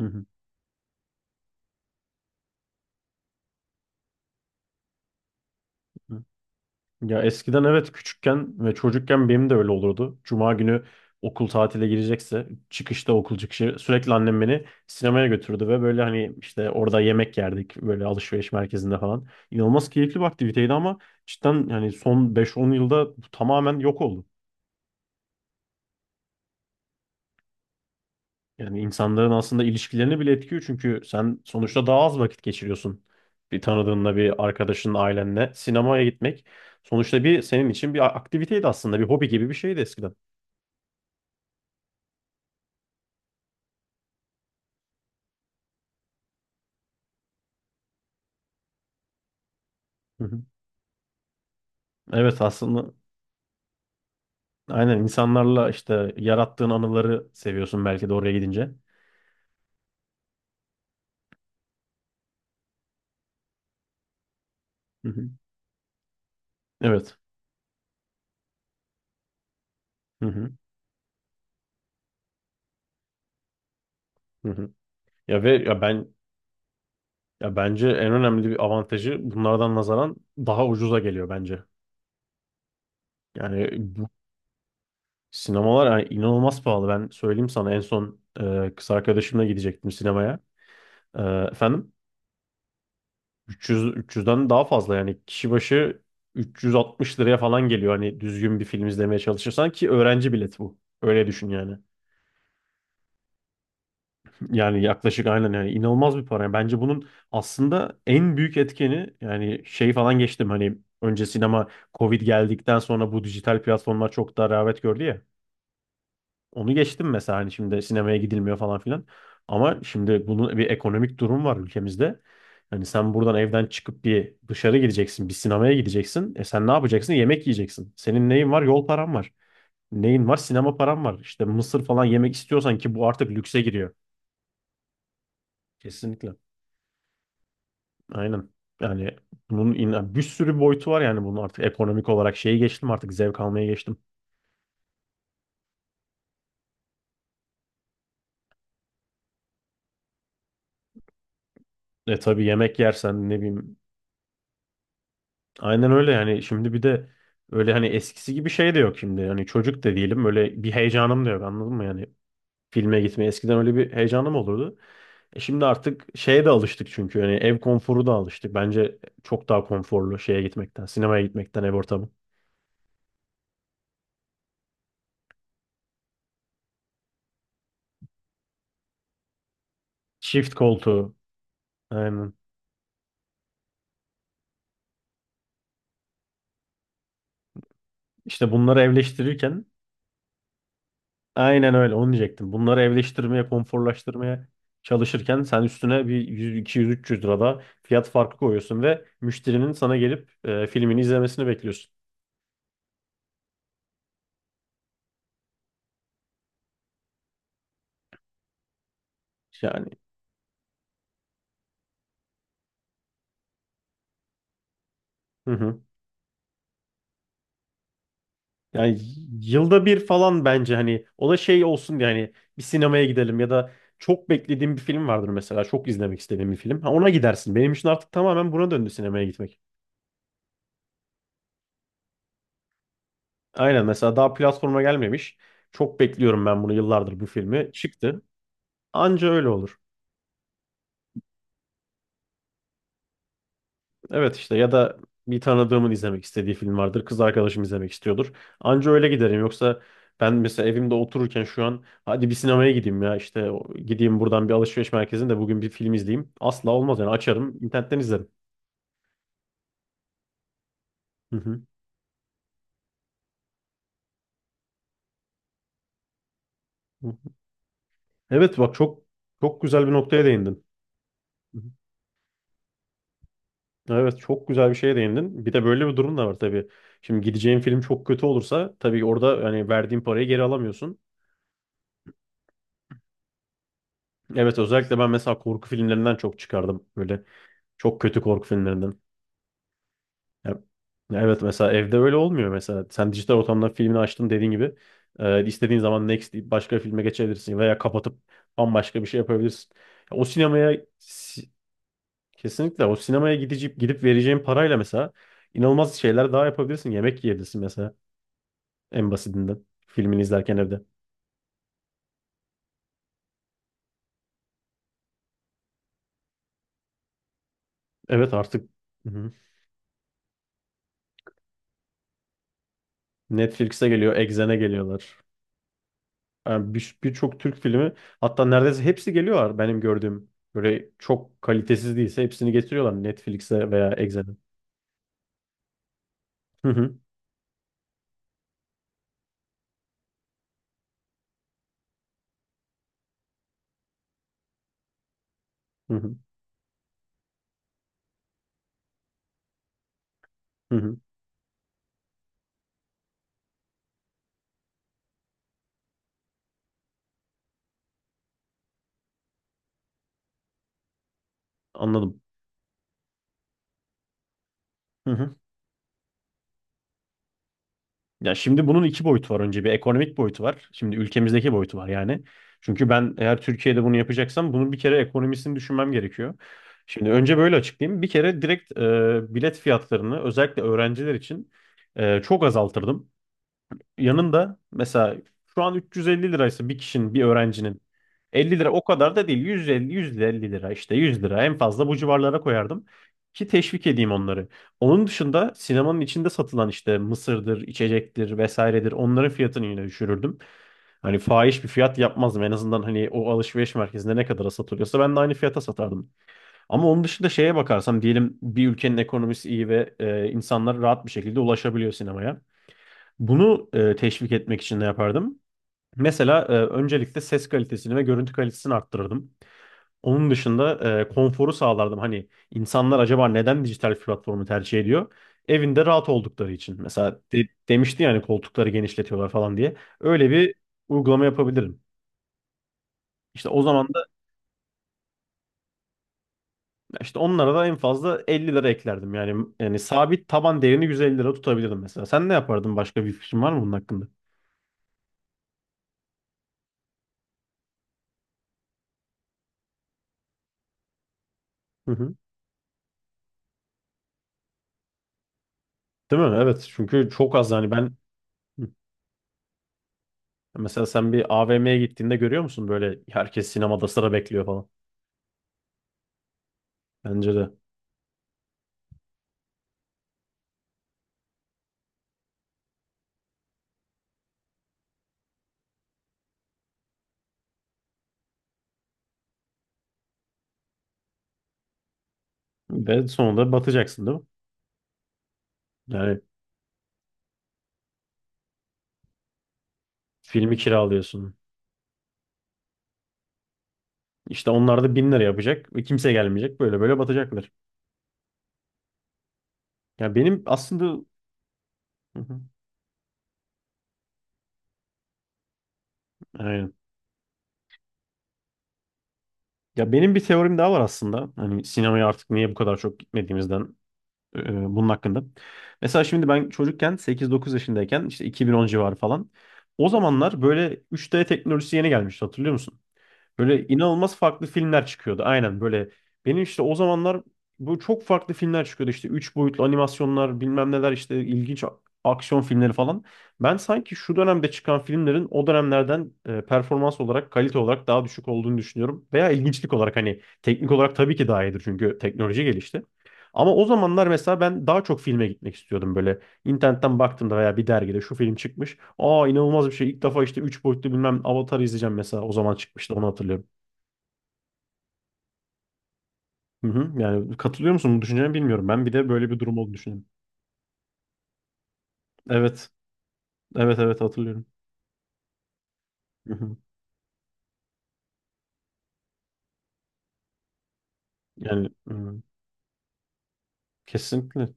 Hı hı, hı. Ya eskiden evet küçükken ve çocukken benim de öyle olurdu. Cuma günü okul tatile girecekse çıkışta okul çıkışı sürekli annem beni sinemaya götürdü ve böyle hani işte orada yemek yerdik böyle alışveriş merkezinde falan. İnanılmaz keyifli bir aktiviteydi ama cidden yani son 5-10 yılda bu tamamen yok oldu. Yani insanların aslında ilişkilerini bile etkiyor çünkü sen sonuçta daha az vakit geçiriyorsun. Bir tanıdığınla, bir arkadaşınla, ailenle sinemaya gitmek sonuçta bir senin için bir aktiviteydi aslında, bir hobi gibi bir şeydi eskiden. Hı hı. Evet aslında aynen insanlarla işte yarattığın anıları seviyorsun belki de oraya gidince. Hı hı. Evet. Hı hı. Hı hı. Ya ve ya ben ya bence en önemli bir avantajı bunlardan nazaran daha ucuza geliyor bence. Yani bu Sinemalar yani inanılmaz pahalı. Ben söyleyeyim sana en son kız arkadaşımla gidecektim sinemaya. E, efendim 300'den daha fazla yani kişi başı 360 liraya falan geliyor hani düzgün bir film izlemeye çalışırsan ki öğrenci bileti bu. Öyle düşün yani. Yani yaklaşık aynen yani inanılmaz bir para. Yani bence bunun aslında en büyük etkeni yani şey falan geçtim hani önce sinema Covid geldikten sonra bu dijital platformlar çok daha rağbet gördü ya. Onu geçtim mesela hani şimdi sinemaya gidilmiyor falan filan. Ama şimdi bunun bir ekonomik durum var ülkemizde. Hani sen buradan evden çıkıp bir dışarı gideceksin, bir sinemaya gideceksin. E sen ne yapacaksın? Yemek yiyeceksin. Senin neyin var? Yol paran var. Neyin var? Sinema paran var. İşte mısır falan yemek istiyorsan ki bu artık lükse giriyor. Kesinlikle. Aynen. Yani bunun bir sürü boyutu var yani bunun artık ekonomik olarak şeyi geçtim artık zevk almaya geçtim. E tabii yemek yersen ne bileyim. Aynen öyle yani şimdi bir de öyle hani eskisi gibi şey de yok şimdi. Yani çocuk da değilim öyle bir heyecanım da yok anladın mı yani filme gitmeye eskiden öyle bir heyecanım olurdu. E şimdi artık şeye de alıştık çünkü yani ev konforu da alıştık. Bence çok daha konforlu şeye gitmekten, sinemaya gitmekten ev ortamı. Çift koltuğu aynen. İşte bunları evleştirirken aynen öyle onu diyecektim. Bunları evleştirmeye, konforlaştırmaya çalışırken sen üstüne bir 100, 200, 300 da fiyat farkı koyuyorsun ve müşterinin sana gelip filmini izlemesini bekliyorsun. Yani hı hı. Yani yılda bir falan bence hani o da şey olsun diye hani bir sinemaya gidelim ya da çok beklediğim bir film vardır mesela çok izlemek istediğim bir film. Ha, ona gidersin. Benim için artık tamamen buna döndü sinemaya gitmek. Aynen mesela daha platforma gelmemiş. Çok bekliyorum ben bunu yıllardır bu filmi. Çıktı. Anca öyle olur. Evet işte ya da bir tanıdığımın izlemek istediği film vardır. Kız arkadaşım izlemek istiyordur. Anca öyle giderim. Yoksa ben mesela evimde otururken şu an hadi bir sinemaya gideyim ya işte gideyim buradan bir alışveriş merkezinde bugün bir film izleyeyim. Asla olmaz yani açarım internetten izlerim. Hı hı. Hı. Evet bak çok çok güzel bir noktaya değindin. Hı hı. Evet çok güzel bir şeye değindin. Bir de böyle bir durum da var tabii. Şimdi gideceğim film çok kötü olursa tabii orada yani verdiğin parayı geri alamıyorsun. Evet özellikle ben mesela korku filmlerinden çok çıkardım. Böyle çok kötü korku filmlerinden. Ya- ya evet mesela evde öyle olmuyor mesela. Sen dijital ortamda filmini açtın dediğin gibi. İstediğin zaman next deyip başka bir filme geçebilirsin veya kapatıp bambaşka bir şey yapabilirsin. Ya o sinemaya kesinlikle o sinemaya gidip vereceğin parayla mesela inanılmaz şeyler daha yapabilirsin. Yemek yiyebilirsin mesela en basitinden filmini izlerken evde. Evet artık hı hı. Netflix'e geliyor, Exxen'e geliyorlar. Yani birçok Türk filmi hatta neredeyse hepsi geliyorlar benim gördüğüm. Böyle çok kalitesiz değilse hepsini getiriyorlar Netflix'e veya Exxen'e. Hı hı, hı hı, hı hı. Anladım. Hı hı. Ya şimdi bunun iki boyutu var önce. Bir ekonomik boyutu var. Şimdi ülkemizdeki boyutu var yani. Çünkü ben eğer Türkiye'de bunu yapacaksam bunun bir kere ekonomisini düşünmem gerekiyor. Şimdi önce böyle açıklayayım. Bir kere direkt bilet fiyatlarını özellikle öğrenciler için çok azaltırdım. Yanında mesela şu an 350 liraysa bir kişinin, bir öğrencinin 50 lira o kadar da değil. 150, 150 lira işte 100 lira en fazla bu civarlara koyardım. Ki teşvik edeyim onları. Onun dışında sinemanın içinde satılan işte mısırdır, içecektir vesairedir onların fiyatını yine düşürürdüm. Hani fahiş bir fiyat yapmazdım. En azından hani o alışveriş merkezinde ne kadara satılıyorsa ben de aynı fiyata satardım. Ama onun dışında şeye bakarsam diyelim bir ülkenin ekonomisi iyi ve insanlar rahat bir şekilde ulaşabiliyor sinemaya. Bunu teşvik etmek için ne yapardım? Mesela öncelikle ses kalitesini ve görüntü kalitesini arttırırdım. Onun dışında konforu sağlardım. Hani insanlar acaba neden dijital platformu tercih ediyor? Evinde rahat oldukları için. Mesela demişti yani koltukları genişletiyorlar falan diye. Öyle bir uygulama yapabilirim. İşte o zaman da işte onlara da en fazla 50 lira eklerdim. Yani yani sabit taban değerini 150 lira tutabilirdim mesela. Sen ne yapardın? Başka bir fikrin var mı bunun hakkında? Hı hı. Değil mi? Evet. Çünkü çok az yani ben. Hı. Mesela sen bir AVM'ye gittiğinde görüyor musun böyle herkes sinemada sıra bekliyor falan? Bence de. Ve sonunda batacaksın değil mi? Yani filmi kiralıyorsun. İşte onlar da bin lira yapacak. Ve kimse gelmeyecek. Böyle böyle batacaklar. Ya benim aslında... Hı hı. Aynen. Ya benim bir teorim daha var aslında. Hani sinemaya artık niye bu kadar çok gitmediğimizden bunun hakkında. Mesela şimdi ben çocukken 8-9 yaşındayken işte 2010 civarı falan. O zamanlar böyle 3D teknolojisi yeni gelmişti hatırlıyor musun? Böyle inanılmaz farklı filmler çıkıyordu. Aynen böyle. Benim işte o zamanlar bu çok farklı filmler çıkıyordu. İşte 3 boyutlu animasyonlar bilmem neler işte ilginç aksiyon filmleri falan. Ben sanki şu dönemde çıkan filmlerin o dönemlerden performans olarak, kalite olarak daha düşük olduğunu düşünüyorum. Veya ilginçlik olarak hani teknik olarak tabii ki daha iyidir çünkü teknoloji gelişti. Ama o zamanlar mesela ben daha çok filme gitmek istiyordum böyle. İnternetten baktım da veya bir dergide şu film çıkmış. Aa inanılmaz bir şey. İlk defa işte 3 boyutlu bilmem Avatar izleyeceğim mesela. O zaman çıkmıştı onu hatırlıyorum. Hı hı. Yani katılıyor musun bu düşüncene bilmiyorum. Ben bir de böyle bir durum olduğunu düşünüyorum. Evet. Evet evet hatırlıyorum. Hı hı. Yani hı. kesinlikle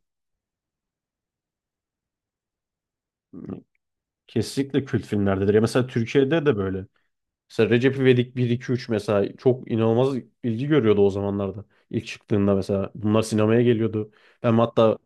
kesinlikle kült filmlerdedir. Ya mesela Türkiye'de de böyle. Mesela Recep İvedik bir 2 3 mesela çok inanılmaz ilgi görüyordu o zamanlarda. İlk çıktığında mesela bunlar sinemaya geliyordu. Ben hatta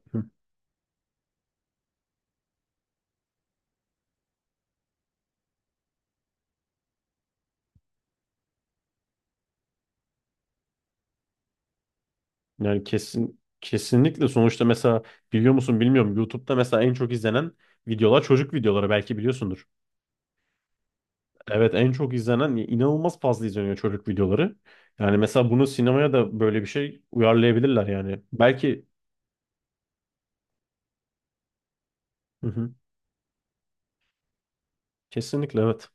Yani kesinlikle sonuçta mesela biliyor musun bilmiyorum YouTube'da mesela en çok izlenen videolar çocuk videoları belki biliyorsundur. Evet en çok izlenen inanılmaz fazla izleniyor çocuk videoları. Yani mesela bunu sinemaya da böyle bir şey uyarlayabilirler yani. Belki hı hı, kesinlikle evet.